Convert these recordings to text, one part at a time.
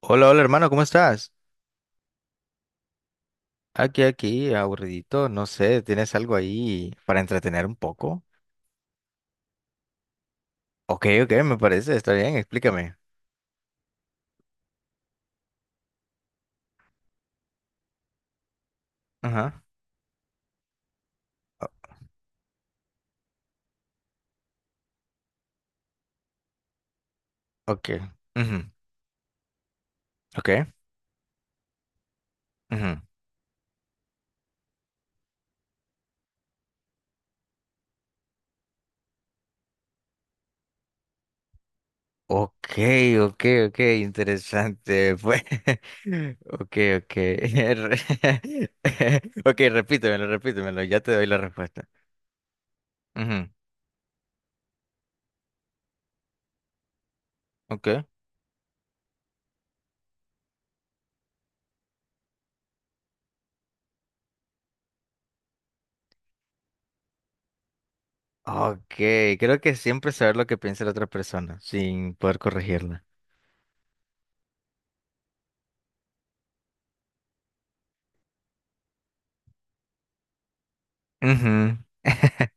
Hola, hermano, ¿cómo estás? Aquí, aburridito, no sé, ¿tienes algo ahí para entretener un poco? Ok, me parece, está bien, explícame. Ajá, ok, ujú, ok, ujú. Ok, ok, interesante, pues, ok, ok, repítemelo, ya te doy la respuesta. Ujú. Ok, ok, creo que siempre saber lo que piensa la otra persona sin poder corregirla. Ujú.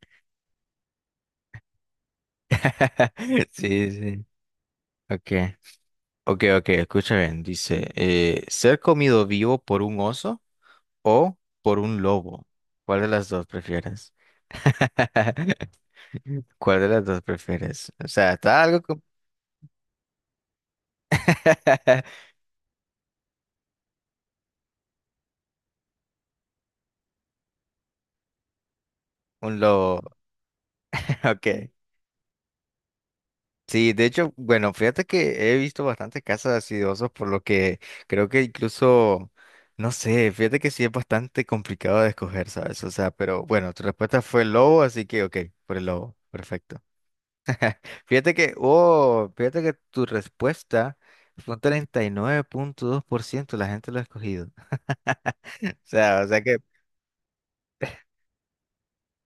Sí, sí. Okay. Ok, escucha bien. Dice, ¿ser comido vivo por un oso o por un lobo? ¿Cuál de las dos prefieres? ¿Cuál de las dos prefieres? O sea, está algo como... Un lobo. Ok. Sí, de hecho, bueno, fíjate que he visto bastantes casos así de osos, por lo que creo que incluso, no sé, fíjate que sí es bastante complicado de escoger, ¿sabes? O sea, pero bueno, tu respuesta fue el lobo, así que ok, por el lobo, perfecto. Fíjate que, oh, fíjate que tu respuesta fue un 39.2% la gente lo ha escogido. O sea que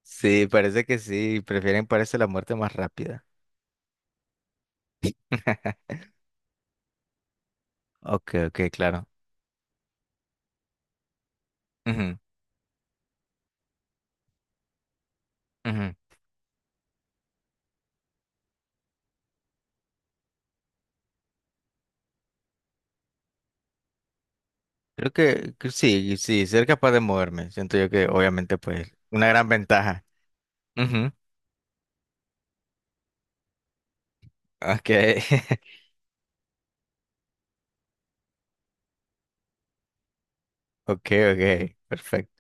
sí, parece que sí, prefieren parece la muerte más rápida. Ok, ok, claro. Ujú, ujú. Creo que sí, sí, ser capaz de moverme. Siento yo que obviamente pues una gran ventaja. Ujú. Ok, ok, ok, perfecto.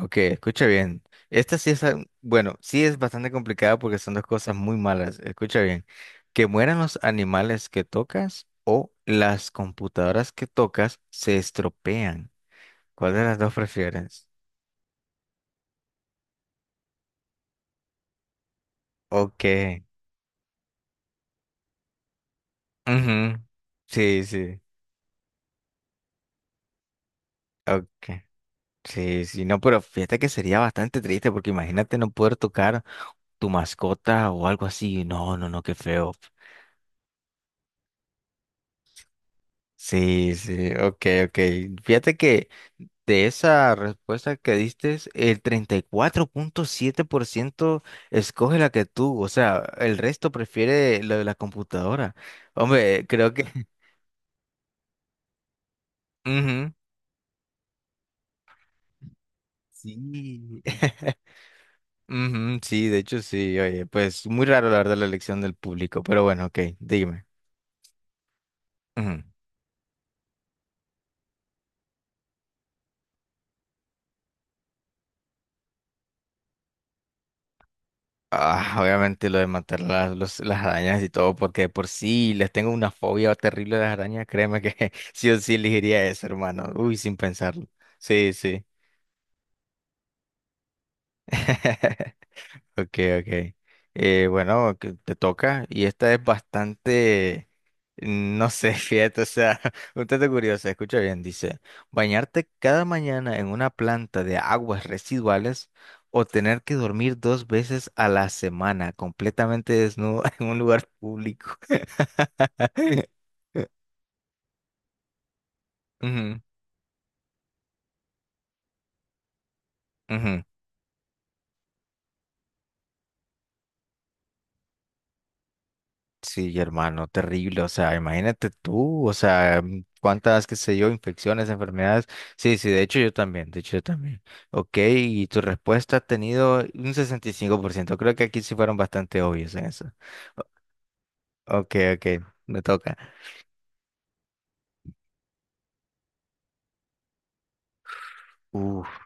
Ok, escucha bien. Esta sí es, bueno, sí es bastante complicada porque son dos cosas muy malas. Escucha bien. Que mueran los animales que tocas o las computadoras que tocas se estropean. ¿Cuál de las dos prefieres? Ok. Ujú, sí, sí. Ok. Sí, sí, no, pero fíjate que sería bastante triste porque imagínate no poder tocar tu mascota o algo así. No, qué feo. Sí, sí, ok, ok. Fíjate que de esa respuesta que diste, el 34.7% escoge la que tú, o sea, el resto prefiere lo de la computadora. Hombre, creo que... Ujú, sí. Ujú, sí, de hecho sí, oye, pues muy raro la verdad la elección del público, pero bueno, ok, dime. Ujú. Ah, obviamente lo de matar las arañas y todo, porque de por sí les tengo una fobia terrible de las arañas, créeme que sí o sí elegiría eso, hermano. Uy, sin pensarlo. Sí, sí. Ok, ok. Bueno, que te toca. Y esta es bastante, no sé, fíjate, o sea, un tanto curiosa. Escucha bien, dice, bañarte cada mañana en una planta de aguas residuales o tener que dormir dos veces a la semana completamente desnudo en un lugar público. Ujú, ujú. Sí, hermano, terrible. O sea, imagínate tú, o sea, cuántas, qué sé yo, infecciones, enfermedades. Sí, sí, de hecho yo también. Ok, y tu respuesta ha tenido un 65%. Creo que aquí sí fueron bastante obvios en eso. O- Ok, ok, me toca. Uf,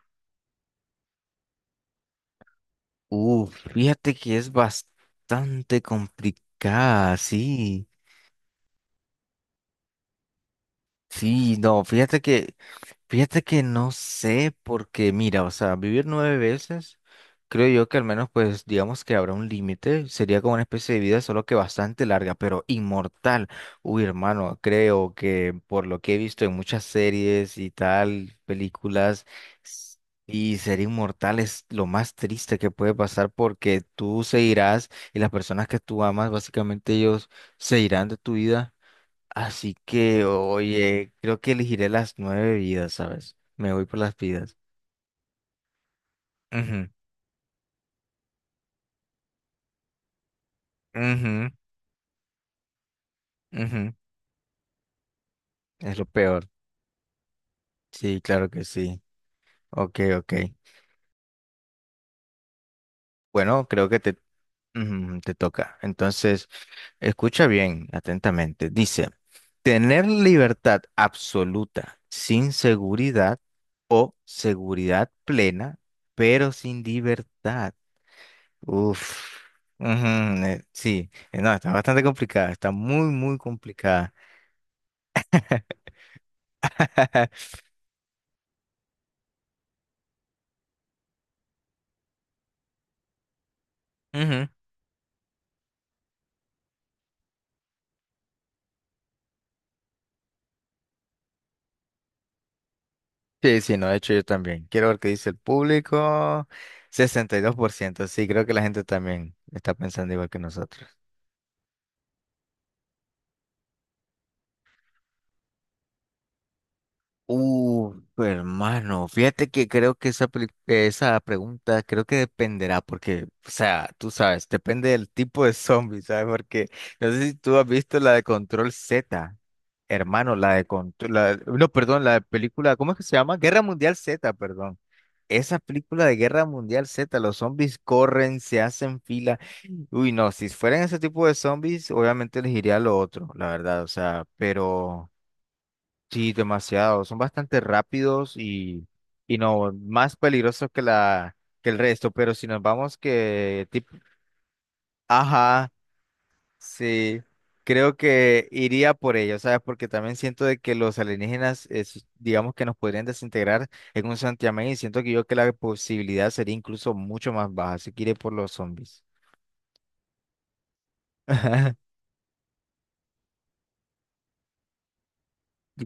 uf, fíjate que es bastante complicada, sí. Sí, no, Fíjate que no sé, porque mira, o sea, vivir nueve veces, creo yo que al menos, pues, digamos que habrá un límite, sería como una especie de vida, solo que bastante larga, pero inmortal. Uy, hermano, creo que por lo que he visto en muchas series y tal, películas, s- y ser inmortal es lo más triste que puede pasar porque tú se irás y las personas que tú amas, básicamente ellos se irán de tu vida. Así que, oye, creo que elegiré las nueve vidas, ¿sabes? Me voy por las vidas. Ujú, ujú, ujú. Es lo peor. Sí, claro que sí. Ok, ok. Bueno, creo que te, ujú, te toca. Entonces, escucha bien, atentamente. Dice, tener libertad absoluta sin seguridad o seguridad plena, pero sin libertad. Uf. Ujú, sí, no, está bastante complicada, está muy complicada. Ujú. Sí, sí, no, de hecho yo también. Quiero ver qué dice el público. 62%, sí, creo que la gente también está pensando igual que nosotros. Uh, hermano, fíjate que creo que esa, esa pregunta creo que dependerá, porque, o sea, tú sabes, depende del tipo de zombie, ¿sabes? Porque no sé si tú has visto la de Control Z, hermano, la de Control, no, perdón, la de película, ¿cómo es que se llama? Guerra Mundial Z, perdón. Esa película de Guerra Mundial Z, los zombies corren, se hacen fila. Uy, no, si fueran ese tipo de zombies, obviamente elegiría lo otro, la verdad, o sea, pero. Sí, demasiado. Son bastante rápidos y no más peligrosos que la que el resto. Pero si nos vamos que tipo, ajá, sí, creo que iría por ello, ¿sabes? Porque también siento de que los alienígenas, digamos que nos podrían desintegrar en un santiamén y siento que yo que la posibilidad sería incluso mucho más baja. Así que iré por los zombies.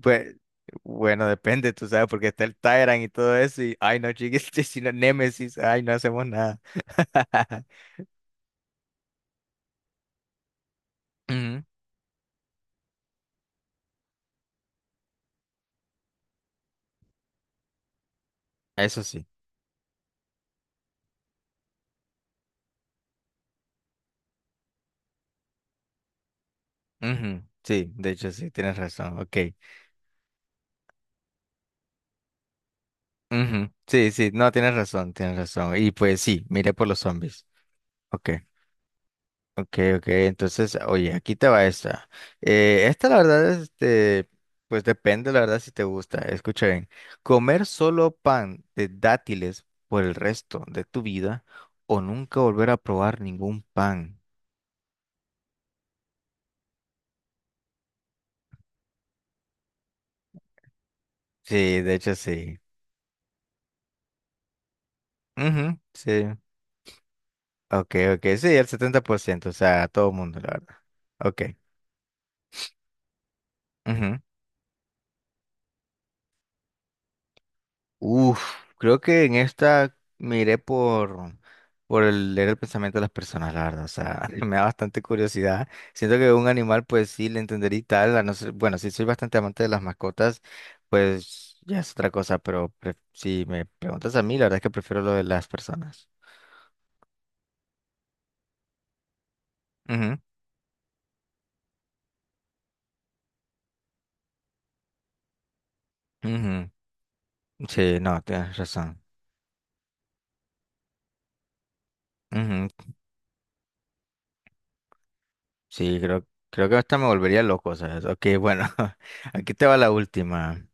Pues, bueno, depende, tú sabes, porque está el Tyrant y todo eso, y ay no, chiquis, si no Némesis, ay, no hacemos nada. Ujú, eso sí. Ujú, sí, de hecho sí, tienes razón, ok. Ujú, sí, sí, no, tienes razón. Y pues sí, miré por los zombies. Ok. Ok, entonces, oye, aquí te va esta. Esta la verdad, este, pues depende, la verdad, si te gusta. Escucha bien. ¿Comer solo pan de dátiles por el resto de tu vida o nunca volver a probar ningún pan? Sí, de hecho sí. Ujú, sí. Ok, ok, sí, el 70%, o sea, a todo mundo, la verdad. Ok. Uf, creo que en esta me iré por el leer el pensamiento de las personas, la verdad. O sea, me da bastante curiosidad. Siento que un animal, pues sí, le entendería y tal. A no ser- bueno, si soy bastante amante de las mascotas, pues ya es otra cosa. Pero si me preguntas a mí, la verdad es que prefiero lo de las personas. Ujú, ujú. Sí, no, tienes razón. Ujú, creo que hasta me volvería loco, ¿sabes? Ok, bueno, aquí te va la última.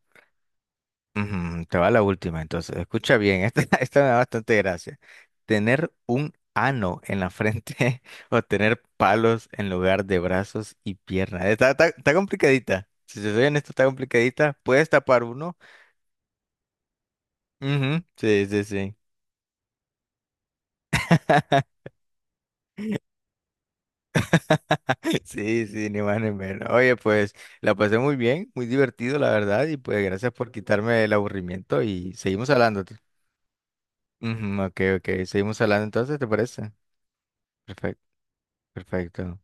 Ujú, te va la última, entonces. Escucha bien, esta me da bastante gracia. Tener un ano en la frente o tener palos en lugar de brazos y piernas. Está complicadita. Si te soy honesto, está complicadita. Puedes tapar uno. Ujú, sí. Sí, sí, ni más ni menos. Oye, pues la pasé muy bien, muy divertido, la verdad. Y pues gracias por quitarme el aburrimiento y seguimos hablando. Ujú, ok, ok. Seguimos hablando entonces, ¿te parece? Perfecto, perfecto.